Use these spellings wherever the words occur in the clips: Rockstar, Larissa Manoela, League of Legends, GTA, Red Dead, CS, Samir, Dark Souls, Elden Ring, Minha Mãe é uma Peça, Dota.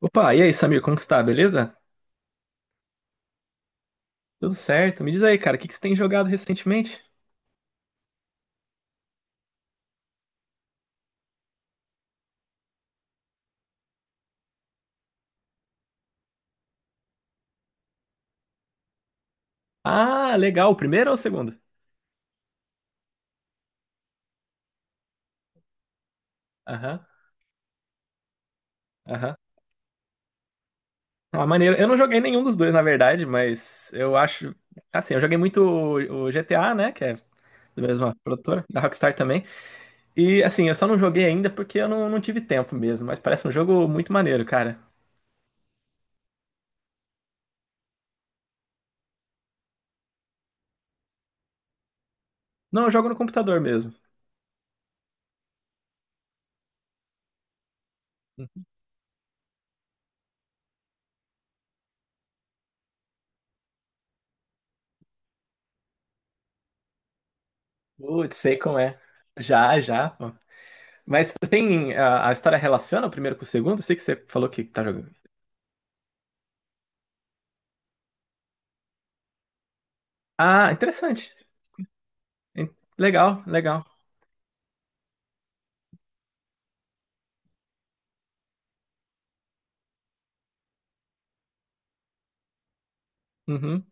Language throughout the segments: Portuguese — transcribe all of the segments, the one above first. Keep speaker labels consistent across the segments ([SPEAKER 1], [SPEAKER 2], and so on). [SPEAKER 1] Opa, e aí, Samir, como que está? Beleza? Tudo certo? Me diz aí, cara, o que que você tem jogado recentemente? Ah, legal. O primeiro ou o segundo? Aham, aham. Ah, maneiro. Eu não joguei nenhum dos dois, na verdade, mas eu acho. Assim, eu joguei muito o GTA, né? Que é da mesma produtora, da Rockstar também. E, assim, eu só não joguei ainda porque eu não tive tempo mesmo, mas parece um jogo muito maneiro, cara. Não, eu jogo no computador mesmo. Putz, sei como é. Já, já, pô. Mas tem. A história relaciona o primeiro com o segundo? Eu sei que você falou que tá jogando. Ah, interessante. En- Legal, legal. Uhum,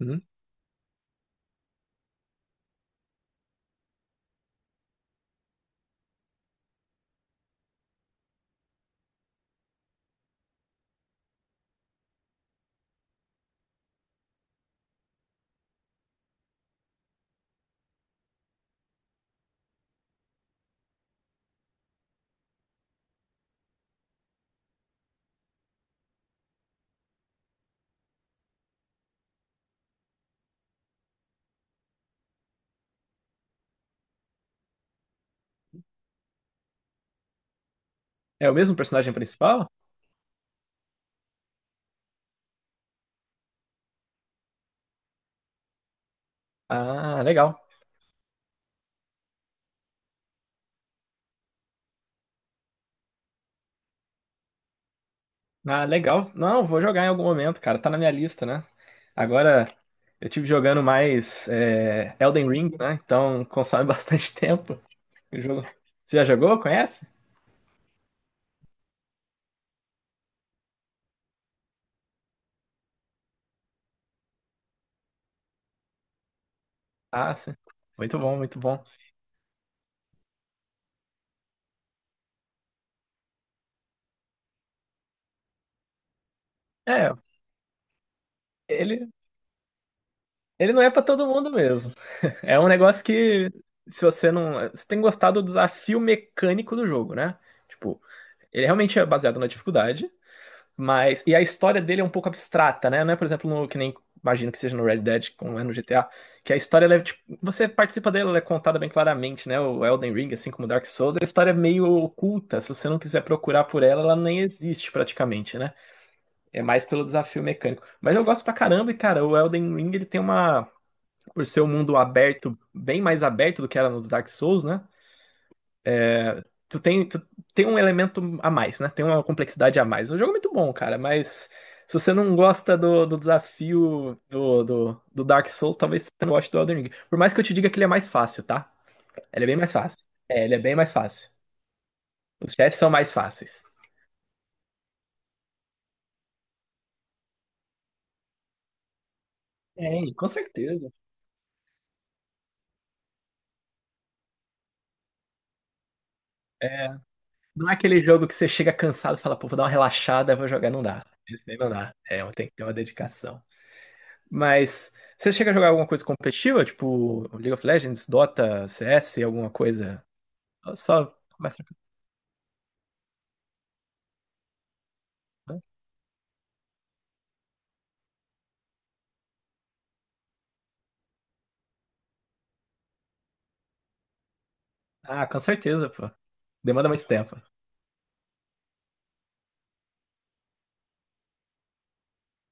[SPEAKER 1] uhum. É o mesmo personagem principal? Ah, legal. Ah, legal. Não, vou jogar em algum momento, cara. Tá na minha lista, né? Agora eu tive jogando mais Elden Ring, né? Então consome bastante tempo. O jogo. Você já jogou? Conhece? Ah, sim. Muito bom, muito bom. É, ele. Ele não é pra todo mundo mesmo. É um negócio que, se você não. Você tem gostado do desafio mecânico do jogo, né? Tipo, ele realmente é baseado na dificuldade, mas. E a história dele é um pouco abstrata, né? Não é, por exemplo, no, que nem. Imagino que seja no Red Dead, como é no GTA, que a história, ela é, tipo, você participa dela, ela é contada bem claramente, né? O Elden Ring, assim como Dark Souls, a história é meio oculta. Se você não quiser procurar por ela, ela nem existe praticamente, né? É mais pelo desafio mecânico. Mas eu gosto pra caramba e, cara, o Elden Ring, ele tem uma por ser um mundo aberto, bem mais aberto do que era no Dark Souls, né? Tu tem um elemento a mais, né? Tem uma complexidade a mais. O jogo é muito bom, cara, mas se você não gosta do desafio do Dark Souls, talvez você não goste do Elden Ring. Por mais que eu te diga que ele é mais fácil, tá? Ele é bem mais fácil. É, ele é bem mais fácil. Os chefes são mais fáceis. Tem, com certeza. É, não é aquele jogo que você chega cansado e fala, pô, vou dar uma relaxada, vou jogar, não dá. Esse daí não dá. É, tem que ter uma dedicação. Mas você chega a jogar alguma coisa competitiva? Tipo League of Legends, Dota, CS, alguma coisa? Só mais tranquilo. Ah, com certeza, pô. Demanda muito tempo.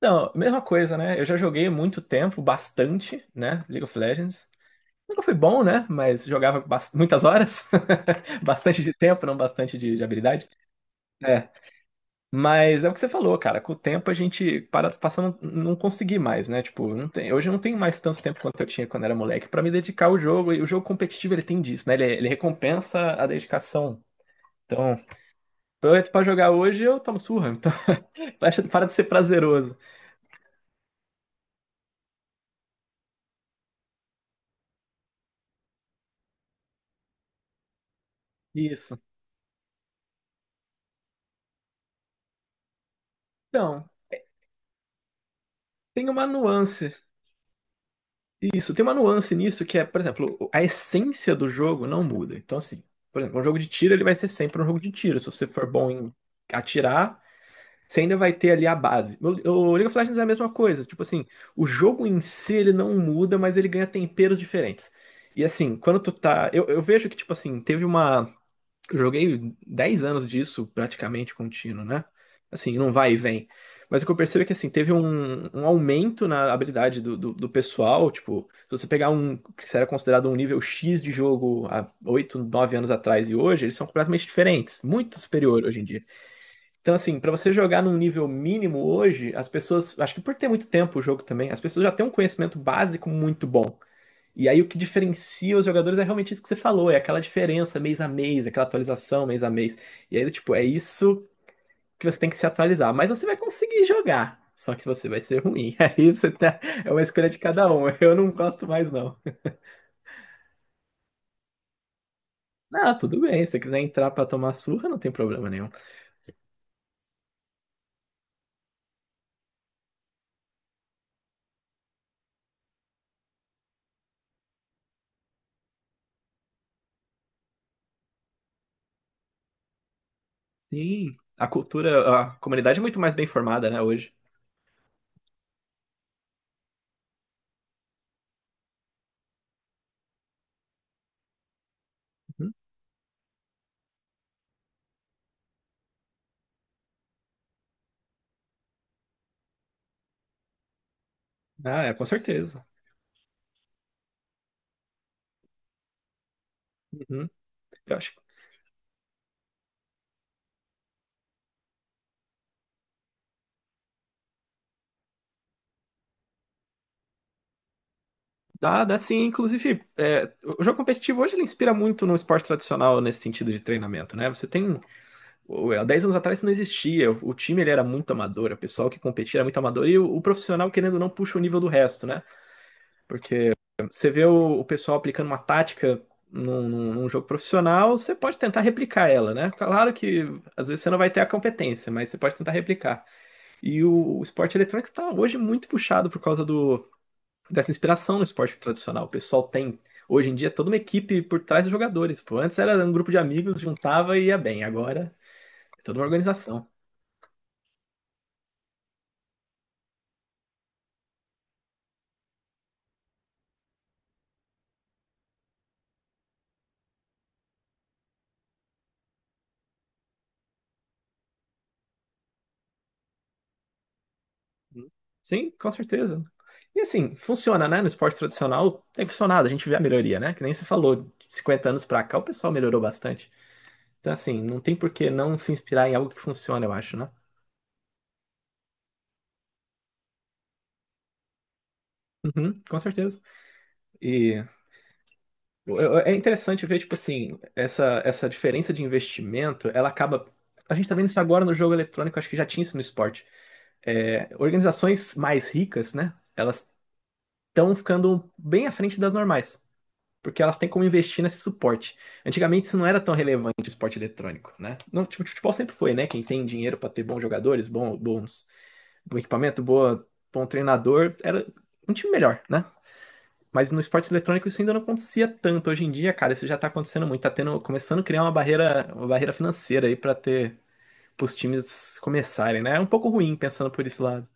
[SPEAKER 1] Não, mesma coisa, né? Eu já joguei muito tempo, bastante, né? League of Legends. Nunca fui bom, né? Mas jogava muitas horas. Bastante de tempo, não bastante de habilidade. É. Mas é o que você falou, cara. Com o tempo a gente para, passa a não conseguir mais, né? Tipo, não tem, hoje eu não tenho mais tanto tempo quanto eu tinha quando era moleque pra me dedicar ao jogo. E o jogo competitivo ele tem disso, né? Ele recompensa a dedicação. Então, eu entro pra jogar hoje eu tomo surra. Então, para de ser prazeroso. Isso. Então, tem uma nuance. Isso, tem uma nuance nisso que é, por exemplo, a essência do jogo não muda. Então, assim, por exemplo, um jogo de tiro ele vai ser sempre um jogo de tiro. Se você for bom em atirar Você ainda vai ter ali a base. O League of Legends é a mesma coisa. Tipo assim, o jogo em si ele não muda, mas ele ganha temperos diferentes. E assim, quando tu tá. Eu vejo que, tipo assim, teve uma. Eu joguei 10 anos disso praticamente contínuo, né? Assim, não vai e vem. Mas o que eu percebo é que, assim, teve um, um aumento na habilidade do pessoal. Tipo, se você pegar um que era considerado um nível X de jogo há 8, 9 anos atrás e hoje, eles são completamente diferentes. Muito superior hoje em dia. Então, assim, pra você jogar num nível mínimo hoje, as pessoas, acho que por ter muito tempo o jogo também, as pessoas já têm um conhecimento básico muito bom. E aí o que diferencia os jogadores é realmente isso que você falou, é aquela diferença mês a mês, aquela atualização mês a mês. E aí, tipo, é isso que você tem que se atualizar. Mas você vai conseguir jogar, só que você vai ser ruim. Aí você tá, é uma escolha de cada um. Eu não gosto mais, não. Não, tudo bem, se você quiser entrar pra tomar surra, não tem problema nenhum. Sim, a cultura, a comunidade é muito mais bem formada, né, hoje. Ah, é, com certeza. Uhum. Eu acho que dá, dá sim. Inclusive, o jogo competitivo hoje ele inspira muito no esporte tradicional nesse sentido de treinamento, né? Você tem. Há 10 anos atrás isso não existia. O time ele era muito amador, o pessoal que competia era muito amador, e o profissional, querendo ou não, puxa o nível do resto, né? Porque você vê o pessoal aplicando uma tática num jogo profissional, você pode tentar replicar ela, né? Claro que às vezes você não vai ter a competência, mas você pode tentar replicar. E o esporte eletrônico tá hoje muito puxado por causa do. Dessa inspiração no esporte tradicional. O pessoal tem, hoje em dia, toda uma equipe por trás dos jogadores. Pô, antes era um grupo de amigos, juntava e ia bem. Agora é toda uma organização. Sim, com certeza. E assim, funciona, né? No esporte tradicional tem funcionado, a gente vê a melhoria, né? Que nem você falou, de 50 anos pra cá o pessoal melhorou bastante. Então, assim, não tem por que não se inspirar em algo que funciona, eu acho, né? Uhum, com certeza. E Eu- É interessante ver, tipo assim, essa diferença de investimento, ela acaba. A gente tá vendo isso agora no jogo eletrônico, acho que já tinha isso no esporte. É, organizações mais ricas, né? Elas estão ficando bem à frente das normais, porque elas têm como investir nesse suporte. Antigamente isso não era tão relevante, o esporte eletrônico, né? Não, tipo, o futebol sempre foi, né? Quem tem dinheiro para ter bons jogadores, bom, bons, bom equipamento, boa, bom treinador, era um time melhor, né? Mas no esporte eletrônico isso ainda não acontecia tanto. Hoje em dia, cara, isso já tá acontecendo muito. Tá tendo, começando a criar uma barreira financeira aí pra ter, pros times começarem, né? É um pouco ruim pensando por esse lado.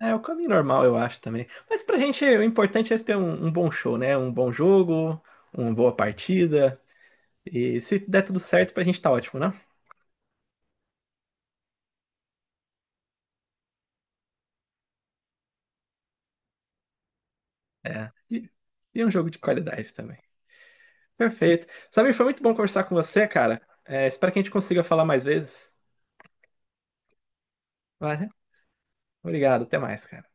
[SPEAKER 1] É o caminho normal, eu acho também. Mas pra gente, o importante é ter um bom show, né? Um bom jogo, uma boa partida. E se der tudo certo, pra gente tá ótimo, né? É. E um jogo de qualidade também. Perfeito. Samir, foi muito bom conversar com você, cara. É, espero que a gente consiga falar mais vezes. Vai, né? Obrigado, até mais, cara.